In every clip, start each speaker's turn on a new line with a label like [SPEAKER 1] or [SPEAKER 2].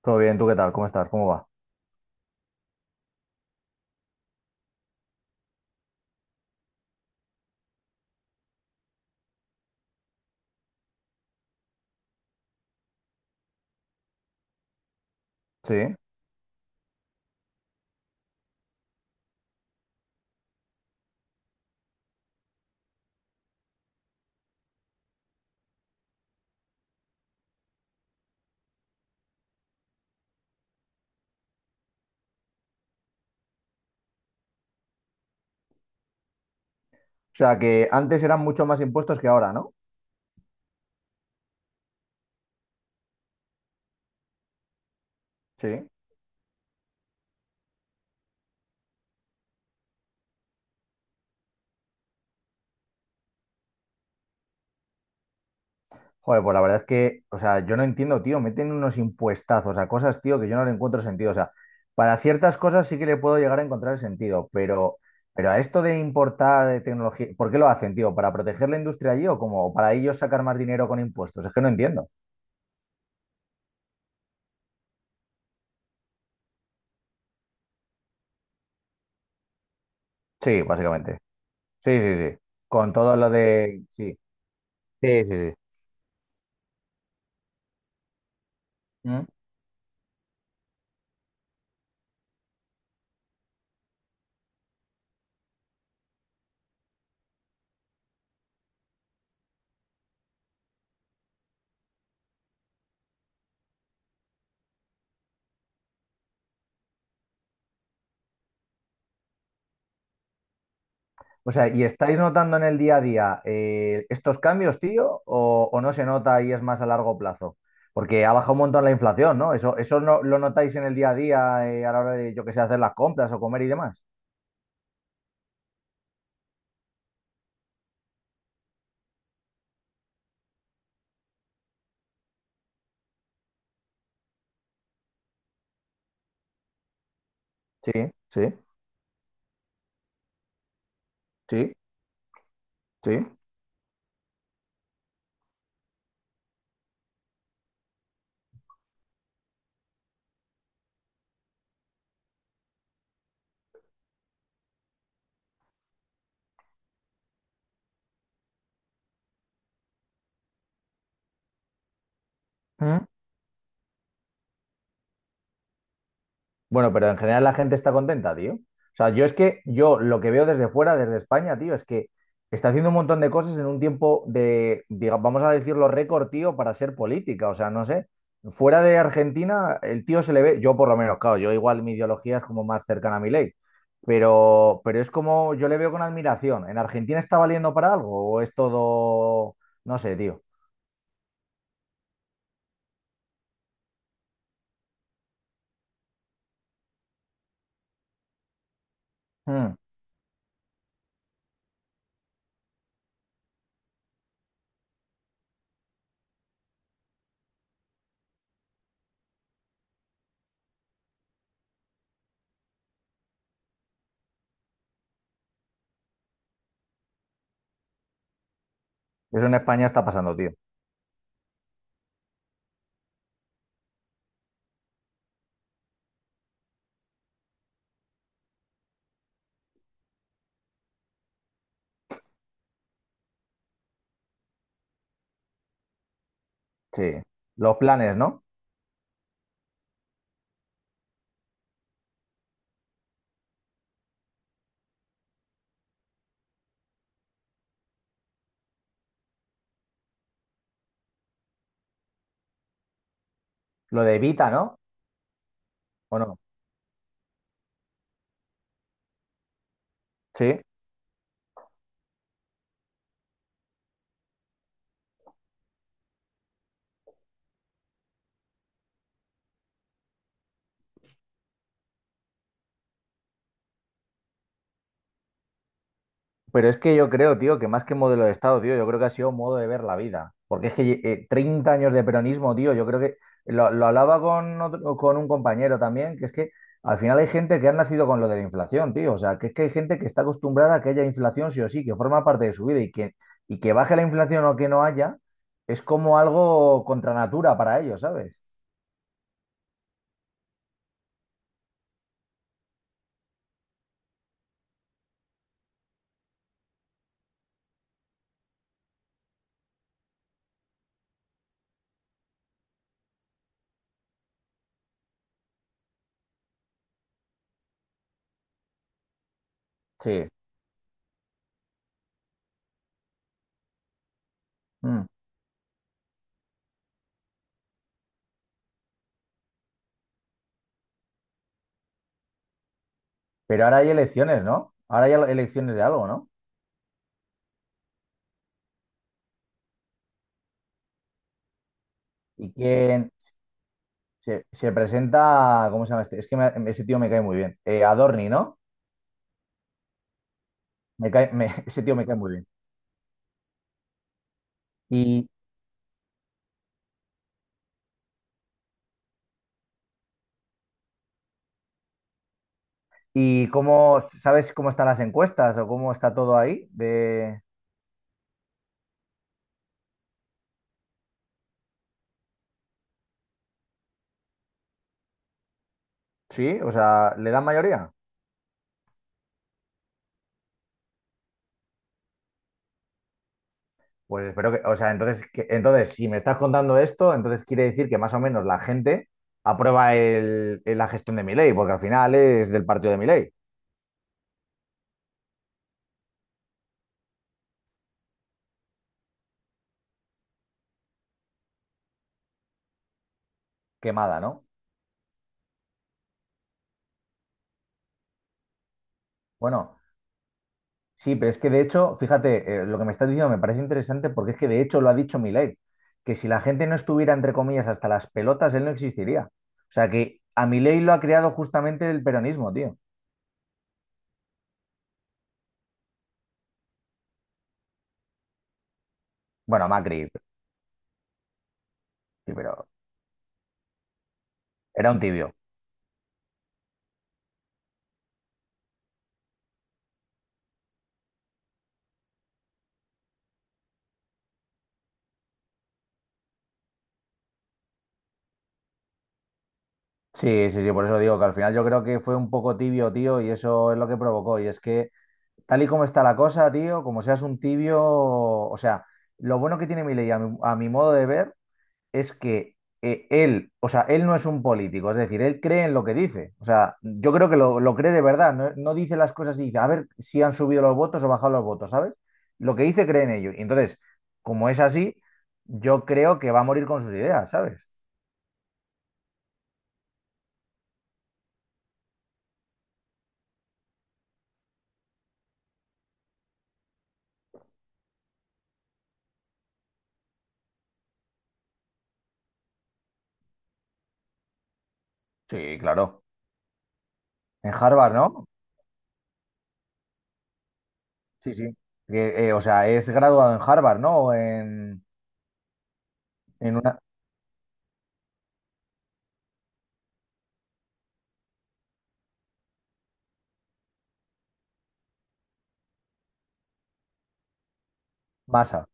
[SPEAKER 1] Todo bien, ¿tú qué tal? ¿Cómo estás? ¿Cómo va? Sí. O sea, que antes eran mucho más impuestos que ahora, ¿no? Sí. Joder, pues la verdad es que, o sea, yo no entiendo, tío, meten unos impuestazos a cosas, tío, que yo no le encuentro sentido. O sea, para ciertas cosas sí que le puedo llegar a encontrar el sentido, pero a esto de importar tecnología, ¿por qué lo hacen, tío? ¿Para proteger la industria allí o como para ellos sacar más dinero con impuestos? Es que no entiendo. Sí, básicamente. Sí, sí, sí. Con todo lo de... Sí, sí, sí, sí. ¿Mm? O sea, ¿y estáis notando en el día a día estos cambios, tío? O, ¿o no se nota y es más a largo plazo? Porque ha bajado un montón la inflación, ¿no? ¿Eso, eso no, lo notáis en el día a día a la hora de, yo qué sé, hacer las compras o comer y demás? Sí, sí, sí, sí. Mm. Bueno, pero en general la gente está contenta, tío. O sea, yo es que yo lo que veo desde fuera, desde España, tío, es que está haciendo un montón de cosas en un tiempo de, vamos a decirlo, récord, tío, para ser política. O sea, no sé. Fuera de Argentina, el tío se le ve, yo por lo menos, claro, yo igual mi ideología es como más cercana a mi ley. Pero es como yo le veo con admiración. ¿En Argentina está valiendo para algo o es todo, no sé, tío? Mm. Eso en España está pasando, tío. Sí. Los planes, ¿no? Lo de Evita, ¿no? ¿O no? Sí. Pero es que yo creo, tío, que más que modelo de Estado, tío, yo creo que ha sido modo de ver la vida. Porque es que 30 años de peronismo, tío, yo creo que lo hablaba con, con un compañero también, que es que al final hay gente que ha nacido con lo de la inflación, tío. O sea, que es que hay gente que está acostumbrada a que haya inflación sí o sí, que forma parte de su vida y que baje la inflación o que no haya, es como algo contra natura para ellos, ¿sabes? Sí. Mm. Pero ahora hay elecciones, ¿no? Ahora hay elecciones de algo, ¿no? ¿Y quién, se presenta, cómo se llama este? Es que ese tío me cae muy bien. Adorni, ¿no? Me cae, ese tío me cae muy bien. ¿Y, y cómo, sabes cómo están las encuestas o cómo está todo ahí? De... Sí, o sea, ¿le dan mayoría? Pues espero que, o sea, entonces, entonces, si me estás contando esto, entonces quiere decir que más o menos la gente aprueba la gestión de mi porque al final es del partido de mi. Quemada, ¿no? Bueno. Sí, pero es que de hecho, fíjate, lo que me estás diciendo me parece interesante porque es que de hecho lo ha dicho Milei, que si la gente no estuviera, entre comillas, hasta las pelotas, él no existiría. O sea que a Milei lo ha creado justamente el peronismo, tío. Bueno, Macri, sí, pero era un tibio. Sí, sí, sí, por eso digo que al final yo creo que fue un poco tibio, tío, y eso es lo que provocó. Y es que tal y como está la cosa, tío, como seas un tibio, o sea, lo bueno que tiene Milei a mi modo de ver es que él, o sea, él no es un político, es decir, él cree en lo que dice. O sea, yo creo que lo cree de verdad, no, no dice las cosas y dice, a ver si han subido los votos o bajado los votos, ¿sabes? Lo que dice cree en ello. Y entonces, como es así, yo creo que va a morir con sus ideas, ¿sabes? Sí, claro. En Harvard, ¿no? Sí, sí. Que, o sea, es graduado en Harvard, ¿no? O en una masa.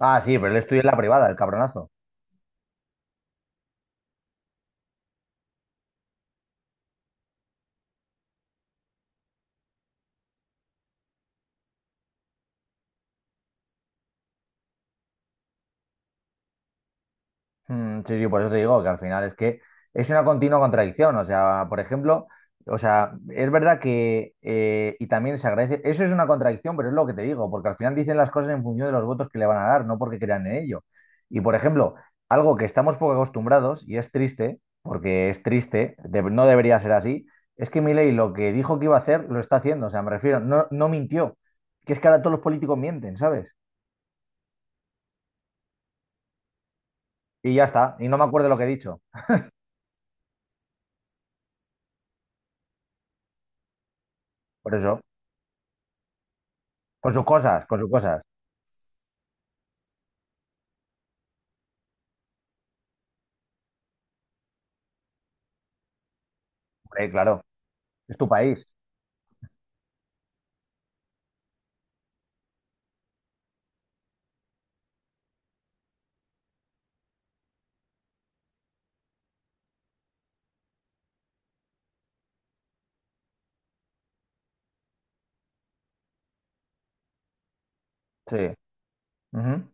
[SPEAKER 1] Ah, sí, pero él estudia en la privada, el cabronazo. Mm, sí, sí, por eso te digo que al final es que es una continua contradicción. O sea, por ejemplo, o sea, es verdad que, y también se agradece, eso es una contradicción, pero es lo que te digo, porque al final dicen las cosas en función de los votos que le van a dar, no porque crean en ello. Y por ejemplo, algo que estamos poco acostumbrados, y es triste, porque es triste, no debería ser así, es que Milei lo que dijo que iba a hacer, lo está haciendo. O sea, me refiero, no, no mintió. Que es que ahora todos los políticos mienten, ¿sabes? Y ya está, y no me acuerdo lo que he dicho. Por eso, con sus cosas, con sus cosas. Claro, es tu país. Sí. Ujú.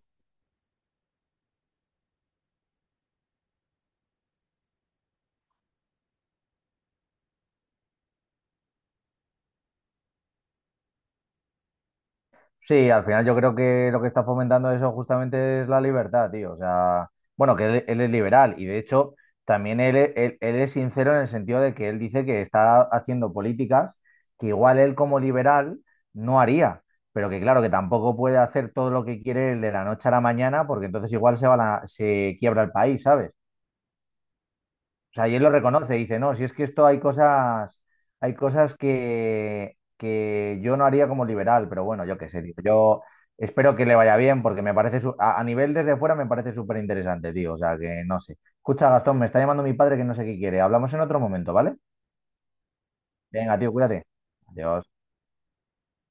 [SPEAKER 1] Sí, al final yo creo que lo que está fomentando eso justamente es la libertad, tío. O sea, bueno, que él es liberal y de hecho también él es sincero en el sentido de que él dice que está haciendo políticas que igual él como liberal no haría, pero que claro, que tampoco puede hacer todo lo que quiere él de la noche a la mañana porque entonces igual se quiebra el país, ¿sabes? O sea, y él lo reconoce, dice, no, si es que esto hay cosas que yo no haría como liberal, pero bueno, yo qué sé, tío. Yo espero que le vaya bien porque me parece, a nivel desde fuera me parece súper interesante, tío. O sea, que no sé. Escucha, Gastón, me está llamando mi padre que no sé qué quiere. Hablamos en otro momento, ¿vale? Venga, tío, cuídate. Adiós.